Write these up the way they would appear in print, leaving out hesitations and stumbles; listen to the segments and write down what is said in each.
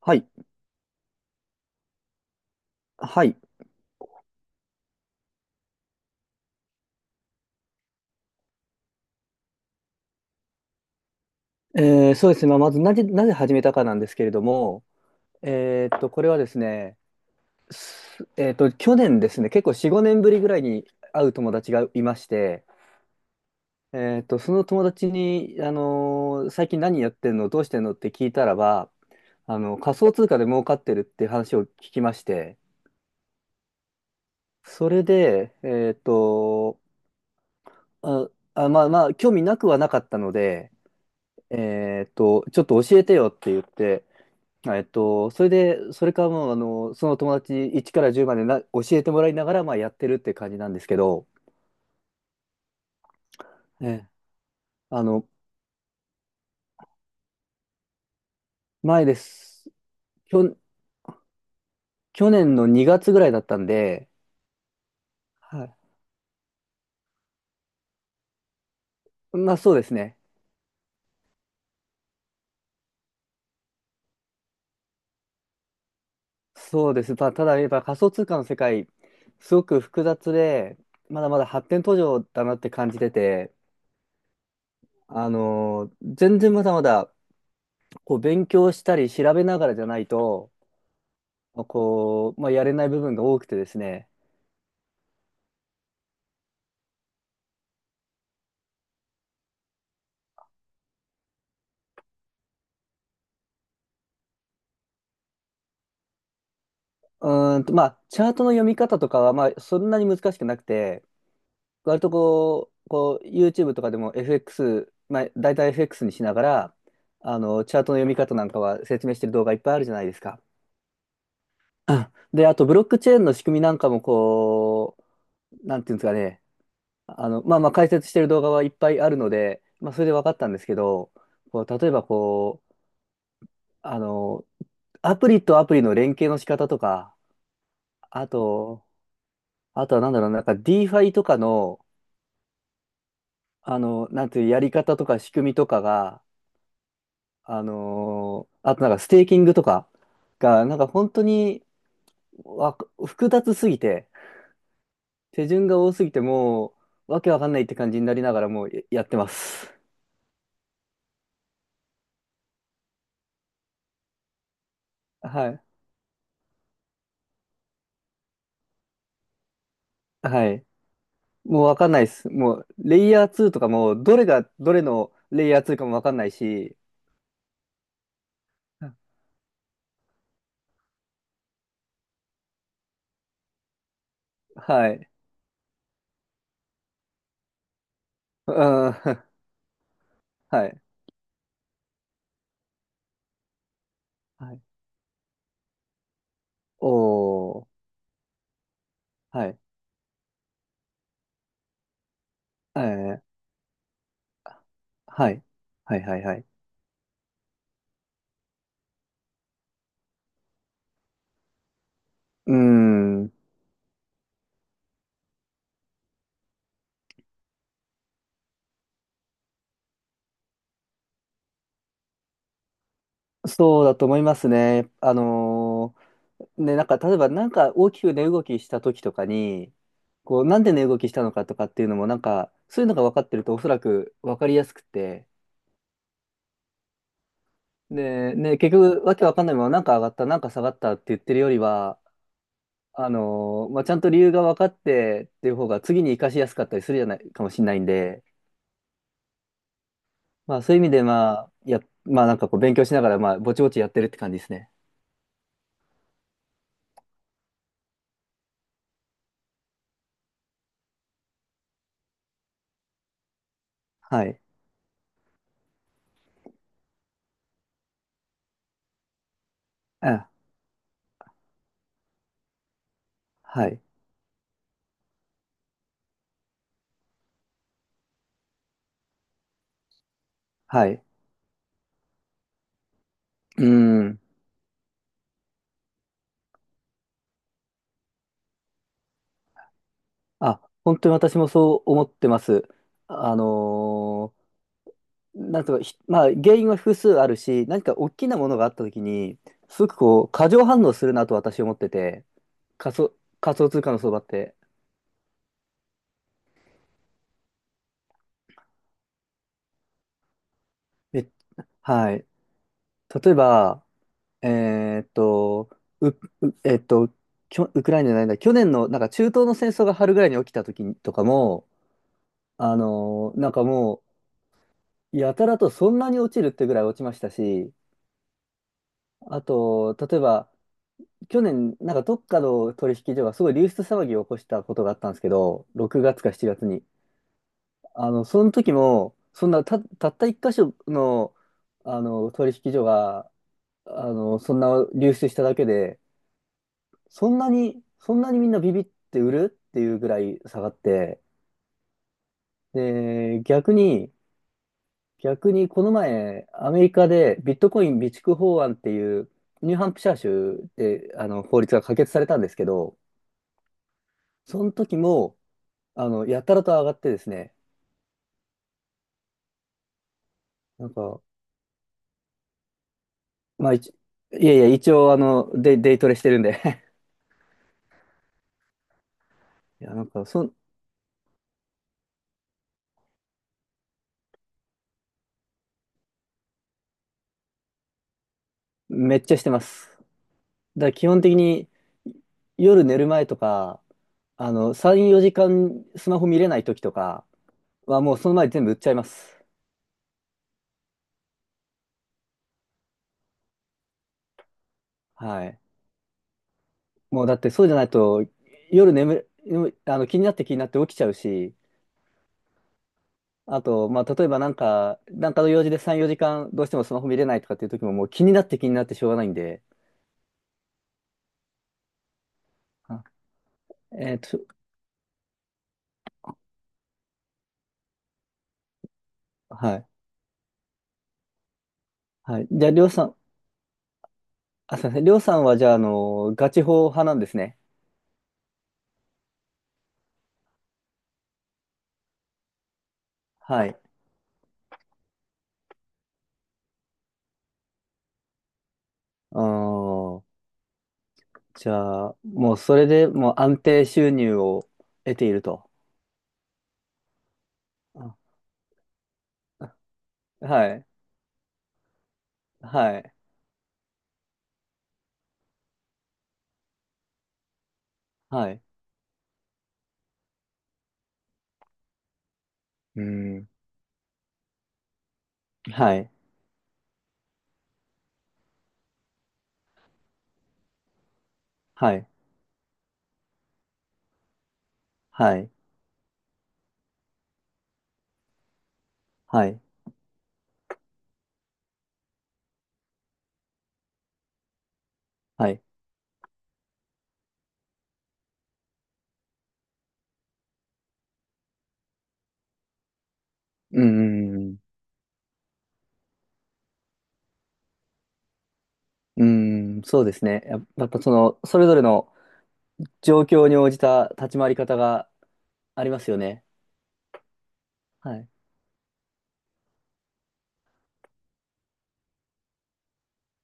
はい。はい。そうですね。まあ、まずなぜ始めたかなんですけれども、これはですね、すえーっと、去年ですね、結構4、5年ぶりぐらいに会う友達がいまして、その友達に、最近何やってんの、どうしてんのって聞いたらば、仮想通貨で儲かってるって話を聞きまして、それで、まあまあ、興味なくはなかったので、ちょっと教えてよって言って、それで、それからもう、その友達1から10までな教えてもらいながら、まあ、やってるって感じなんですけど、ええ。あの、前です。きょ、去年の2月ぐらいだったんで、はい。まあそうですね。そうです。まあ、ただやっぱ仮想通貨の世界、すごく複雑で、まだまだ発展途上だなって感じてて、あの全然まだまだこう勉強したり調べながらじゃないと、こう、まあ、やれない部分が多くてですね、うまあ、チャートの読み方とかは、まあ、そんなに難しくなくて、割とこう、YouTube とかでも FX、まあ、大体 FX にしながら、チャートの読み方なんかは説明してる動画いっぱいあるじゃないですか。うんで、あと、ブロックチェーンの仕組みなんかも、こう、なんていうんですかね、まあまあ、解説してる動画はいっぱいあるので、まあ、それで分かったんですけど、こう、例えばこう、あの、アプリとアプリの連携の仕方とか、あと、あとはなんだろう、なんか DeFi とかの、なんていう、やり方とか仕組みとかが、あとなんかステーキングとかが、なんか本当にわ複雑すぎて、手順が多すぎて、もう、わけわかんないって感じになりながらもうやってます。はい。はい。もうわかんないです。もう、レイヤー2とかも、どれがどれのレイヤー2かもわかんないし、はい。うん、はい。はい。おー、はい。えー、はい。はい、はい、はい。うーん。そうだと思いますね。ね、なんか、例えば、なんか大きく値動きした時とかに、こう、なんで値動きしたのかとかっていうのも、なんか、そういうのが分かってると、おそらく分かりやすくて、で、ね、結局、わけわかんないまま、なんか上がった、なんか下がったって言ってるよりは、まあ、ちゃんと理由が分かってっていう方が、次に活かしやすかったりするじゃない、かもしれないんで、まあ、そういう意味で、まあ、まあ、なんかこう、勉強しながら、まあ、ぼちぼちやってるって感じですね。はい。あ、はい。はい。うん。あ、本当に私もそう思ってます。あのーなんとかひ、まあ、原因は複数あるし、何か大きなものがあったときに、すごくこう、過剰反応するなと私思ってて、仮想通貨の相場って。めはい。例えば、えーっと、う、うえーっと、ウクライナじゃないんだ、去年のなんか中東の戦争が春ぐらいに起きたときとかも、なんかもう、やたらとそんなに落ちるってぐらい落ちましたし、あと、例えば、去年、なんかどっかの取引所がすごい流出騒ぎを起こしたことがあったんですけど、6月か7月に。その時も、そんなた、たった一箇所の、取引所が、そんな流出しただけで、そんなに、そんなにみんなビビって売るっていうぐらい下がって、で、逆にこの前、アメリカでビットコイン備蓄法案っていう、ニューハンプシャー州で、法律が可決されたんですけど、その時も、やたらと上がってですね、なんか、まあ、一いやいや、一応、デイトレしてるんで いや、なんか、めっちゃしてます。だから基本的に、夜寝る前とか、3、4時間スマホ見れない時とかは、もうその前に全部売っちゃいます。はい。もうだってそうじゃないと、夜眠る、気になって気になって起きちゃうし、あと、まあ、例えばなんか、の用事で3、4時間どうしてもスマホ見れないとかっていう時ももう気になって気になってしょうがないんで、あえっと、はい。はい。じゃあ、りょうさん、あ、すいません。りょうさんは、じゃあ、ガチ法派なんですね。はい。あーじゃあ、もう、それでもう安定収入を得ていると。あはい。はい。はい。うん。はい。はい。はい。はい。はい。うん。うん。そうですね。やっぱ、それぞれの状況に応じた立ち回り方がありますよね。はい。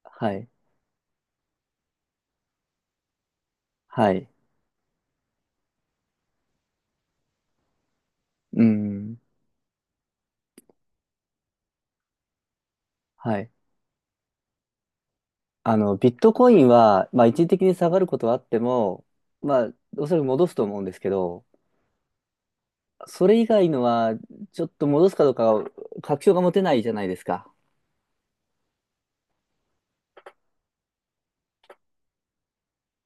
はい。はい。うん。はい。ビットコインは、まあ、一時的に下がることはあっても、まあ、おそらく戻すと思うんですけど、それ以外のは、ちょっと戻すかどうか確証が持てないじゃないですか。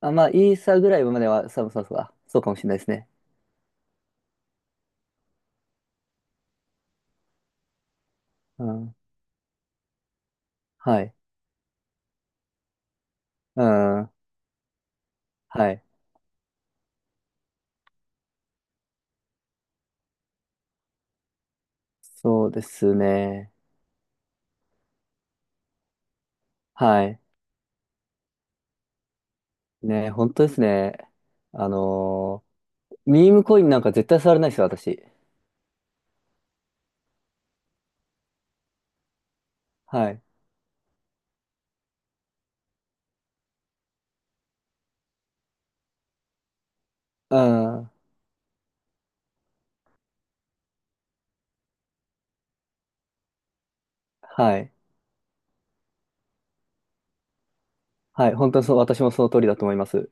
あ、まあ、イーサーぐらいまでは、そうそうそう、あそうかもしれないですね。うん。はい。うん。はい。そうですね。はい。ね、本当ですね。あのミームコインなんか絶対触れないですよ、私。はい。うん。はい。はい。本当にそう、私もその通りだと思います。